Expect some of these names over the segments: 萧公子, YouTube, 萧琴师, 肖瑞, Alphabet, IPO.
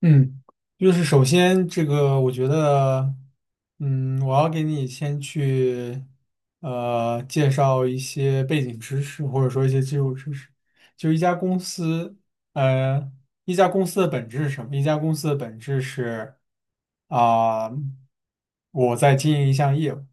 嗯，就是首先这个，我觉得，我要给你先去，介绍一些背景知识，或者说一些基础知识。就一家公司，呃，一家公司的本质是什么？一家公司的本质是，啊、我在经营一项业务。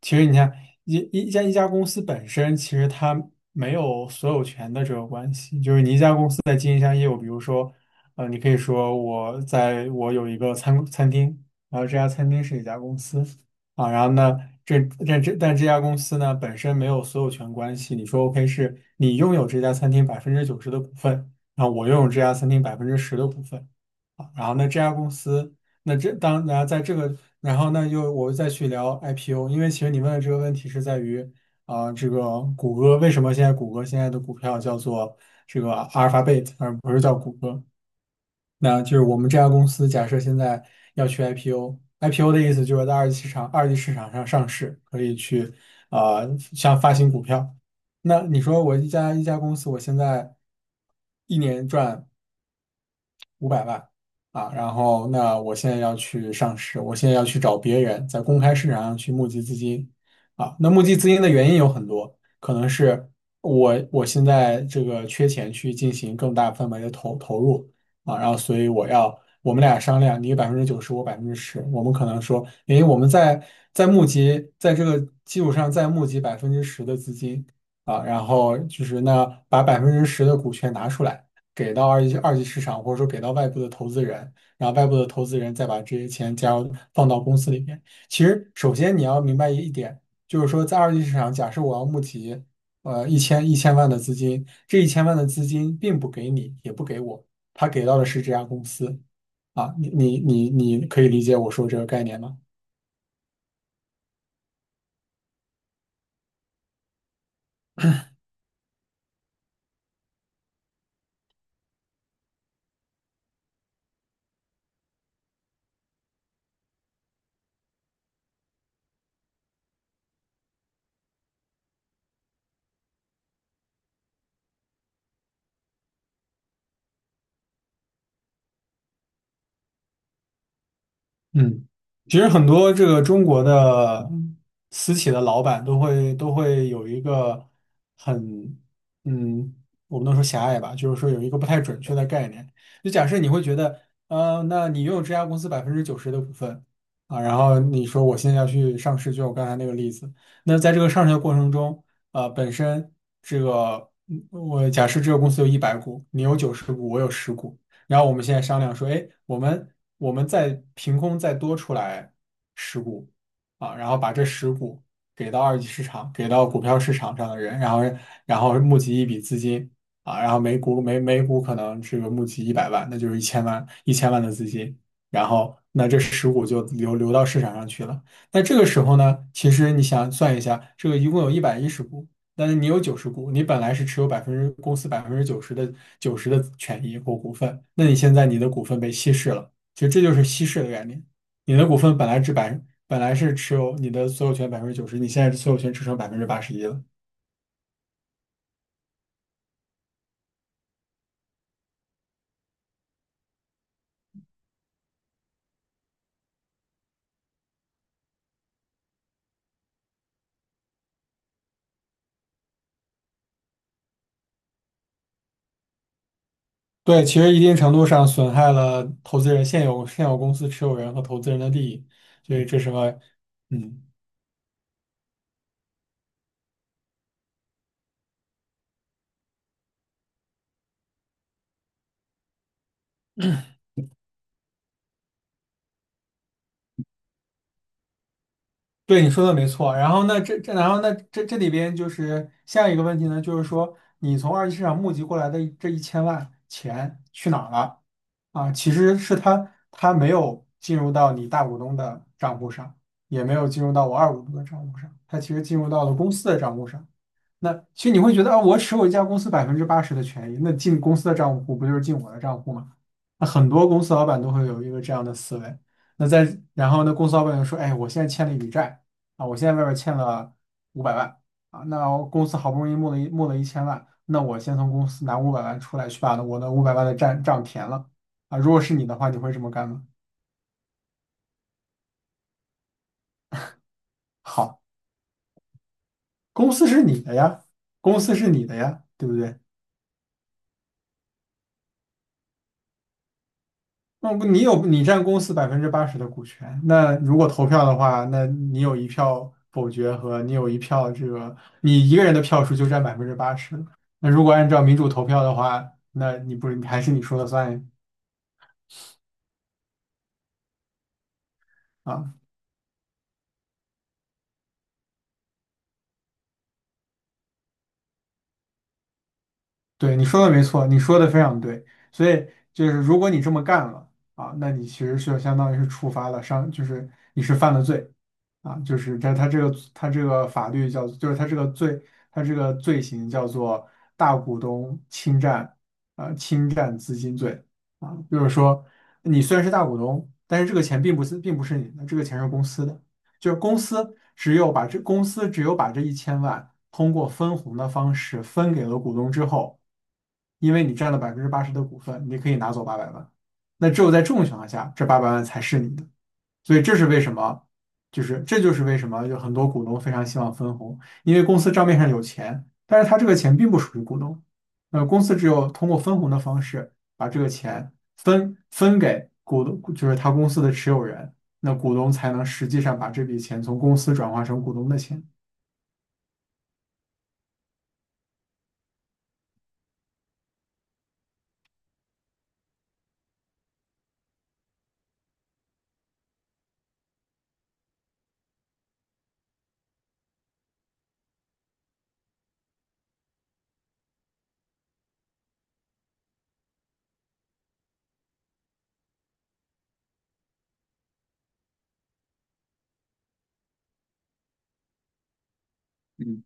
其实你看，一家公司本身，其实它没有所有权的这个关系，就是你一家公司在经营一项业务，比如说，你可以说我有一个餐厅，然后这家餐厅是一家公司啊，然后呢，这这这但这家公司呢本身没有所有权关系，你说 OK 是你拥有这家餐厅百分之九十的股份，然后我拥有这家餐厅百分之十的股份。啊然后呢，这家公司，那这当然在这个，然后呢又我再去聊 IPO，因为其实你问的这个问题是在于这个谷歌为什么现在谷歌现在的股票叫做这个阿尔法贝特，而不是叫谷歌？那就是我们这家公司假设现在要去 IPO，IPO 的意思就是在二级市场上上市，可以去啊、像发行股票。那你说我一家一家公司，我现在一年赚。五百万啊，然后那我现在要去上市，我现在要去找别人在公开市场上去募集资金啊。那募集资金的原因有很多，可能是我现在这个缺钱去进行更大范围的投入啊，然后所以我要我们俩商量，你百分之九十，我百分之十，我们可能说，诶，我们在在募集在这个基础上再募集百分之十的资金啊，然后就是那把百分之十的股权拿出来。给到二级市场，或者说给到外部的投资人，然后外部的投资人再把这些钱加入放到公司里面。其实，首先你要明白一点，就是说在二级市场，假设我要募集一千万的资金，这一千万的资金并不给你，也不给我，他给到的是这家公司啊。你可以理解我说这个概念吗？嗯，其实很多这个中国的私企的老板都会有一个很嗯，我不能说狭隘吧，就是说有一个不太准确的概念。就假设你会觉得，那你拥有这家公司百分之九十的股份啊，然后你说我现在要去上市，就我刚才那个例子，那在这个上市的过程中，啊，本身这个我假设这个公司有一百股，你有九十股，我有十股。然后我们现在商量说，哎，我们再凭空再多出来十股啊，然后把这十股给到二级市场，给到股票市场上的人，然后然后募集一笔资金啊，然后每股可能这个募集一百万，那就是一千万的资金，然后那这十股就流到市场上去了。那这个时候呢，其实你想算一下，这个一共有一百一十股。但是你有九十股，你本来是持有百分之公司百分之九十的九十的权益或股份，那你现在你的股份被稀释了，其实这就是稀释的概念。你的股份本来只百本来是持有你的所有权百分之九十，你现在所有权只剩百分之八十一了。对，其实一定程度上损害了投资人现有公司持有人和投资人的利益，所以这是个嗯。对，你说的没错。然后那这里边就是下一个问题呢，就是说你从二级市场募集过来的这一千万钱去哪儿了啊？其实是它没有进入到你大股东的账户上，也没有进入到我二股东的账户上，它其实进入到了公司的账户上。那其实你会觉得啊，我持有一家公司百分之八十的权益，那进公司的账户不就是进我的账户吗？那很多公司老板都会有一个这样的思维。然后呢，公司老板就说：“哎，我现在欠了一笔债啊，我现在外边欠了五百万啊，那我公司好不容易募了一千万，那我先从公司拿五百万出来，去把我的五百万的债账填了啊。如果是你的话，你会这么干吗？”好，公司是你的呀，公司是你的呀，对不对？那不你有你占公司百分之八十的股权，那如果投票的话，那你有一票否决和你有一票这个，你一个人的票数就占百分之八十。那如果按照民主投票的话，那你不是还是你说了算啊？对，你说的没错，你说的非常对。所以就是如果你这么干了啊，那你其实是相当于是触发了伤，就是你是犯了罪啊，就是在他这个法律叫，就是他这个罪，他这个罪行叫做大股东侵占啊侵占资金罪啊，就是说你虽然是大股东，但是这个钱并不是你的，这个钱是公司的，就是公司只有把这一千万通过分红的方式分给了股东之后。因为你占了百分之八十的股份，你可以拿走八百万。那只有在这种情况下，这八百万才是你的。所以这是为什么，这就是为什么有很多股东非常希望分红，因为公司账面上有钱，但是他这个钱并不属于股东。那公司只有通过分红的方式把这个钱分给股东，就是他公司的持有人，那股东才能实际上把这笔钱从公司转化成股东的钱。嗯。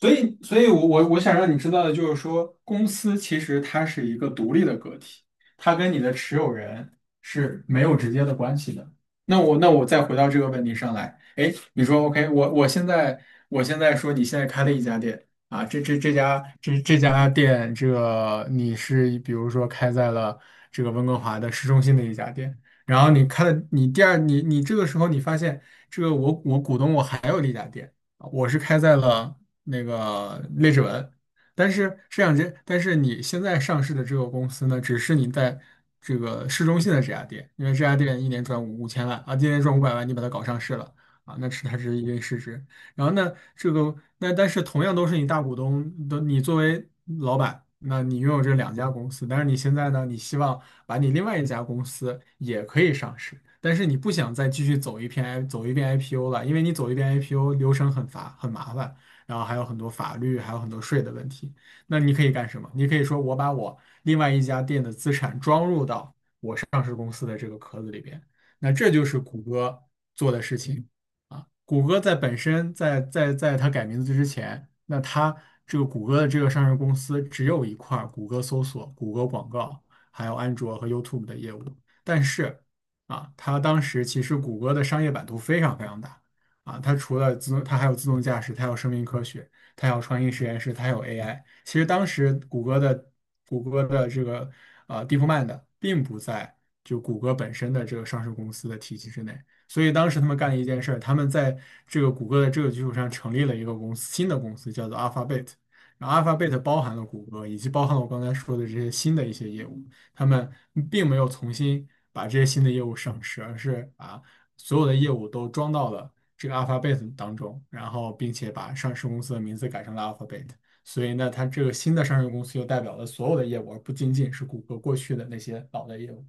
所以我我想让你知道的就是说，公司其实它是一个独立的个体，它跟你的持有人是没有直接的关系的。那我再回到这个问题上来，哎，你说 OK,我我现在我现在说你现在开了一家店啊，这家店，这个你是比如说开在了这个温哥华的市中心的一家店，然后你开了你第二这个时候你发现这个我股东我还有一家店。我是开在了那个列治文，但是这两间，但是你现在上市的这个公司呢，只是你在这个市中心的这家店，因为这家店一年赚五千万啊，今年赚五百万，你把它搞上市了啊，那是它是一定市值。然后呢，这个那但是同样都是你大股东的，你作为老板，那你拥有这两家公司，但是你现在呢，你希望把你另外一家公司也可以上市，但是你不想再继续走一遍 I 走一遍 IPO 了，因为你走一遍 IPO 流程很麻烦，然后还有很多法律，还有很多税的问题。那你可以干什么？你可以说我把我另外一家店的资产装入到上市公司的这个壳子里边，那这就是谷歌做的事情。谷歌本身在它改名字之前，那它这个谷歌的这个上市公司只有一块儿谷歌搜索、谷歌广告，还有安卓和 YouTube 的业务。但是啊，它当时其实谷歌的商业版图非常非常大啊，它除了自动，它还有自动驾驶，它还有生命科学，它还有创新实验室，它还有 AI。其实当时谷歌的这个DeepMind 并不在就谷歌本身的这个上市公司的体系之内。所以当时他们干了一件事儿，他们在这个谷歌的这个基础上成立了一个公司，新的公司叫做 Alphabet。然后 Alphabet 包含了谷歌，以及包含了我刚才说的这些新的一些业务。他们并没有重新把这些新的业务上市，而是把所有的业务都装到了这个 Alphabet 当中，然后并且把上市公司的名字改成了 Alphabet。所以呢，它这个新的上市公司又代表了所有的业务，而不仅仅是谷歌过去的那些老的业务。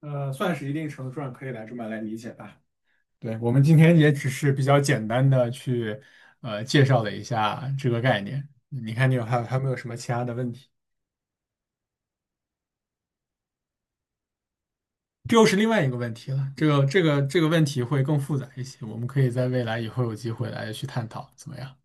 呃，算是一定程度上可以来这么来理解吧。对，我们今天也只是比较简单的去介绍了一下这个概念。你看，你有还有没有什么其他的问题？这又是另外一个问题了。这个问题会更复杂一些，我们可以在未来以后有机会来去探讨，怎么样？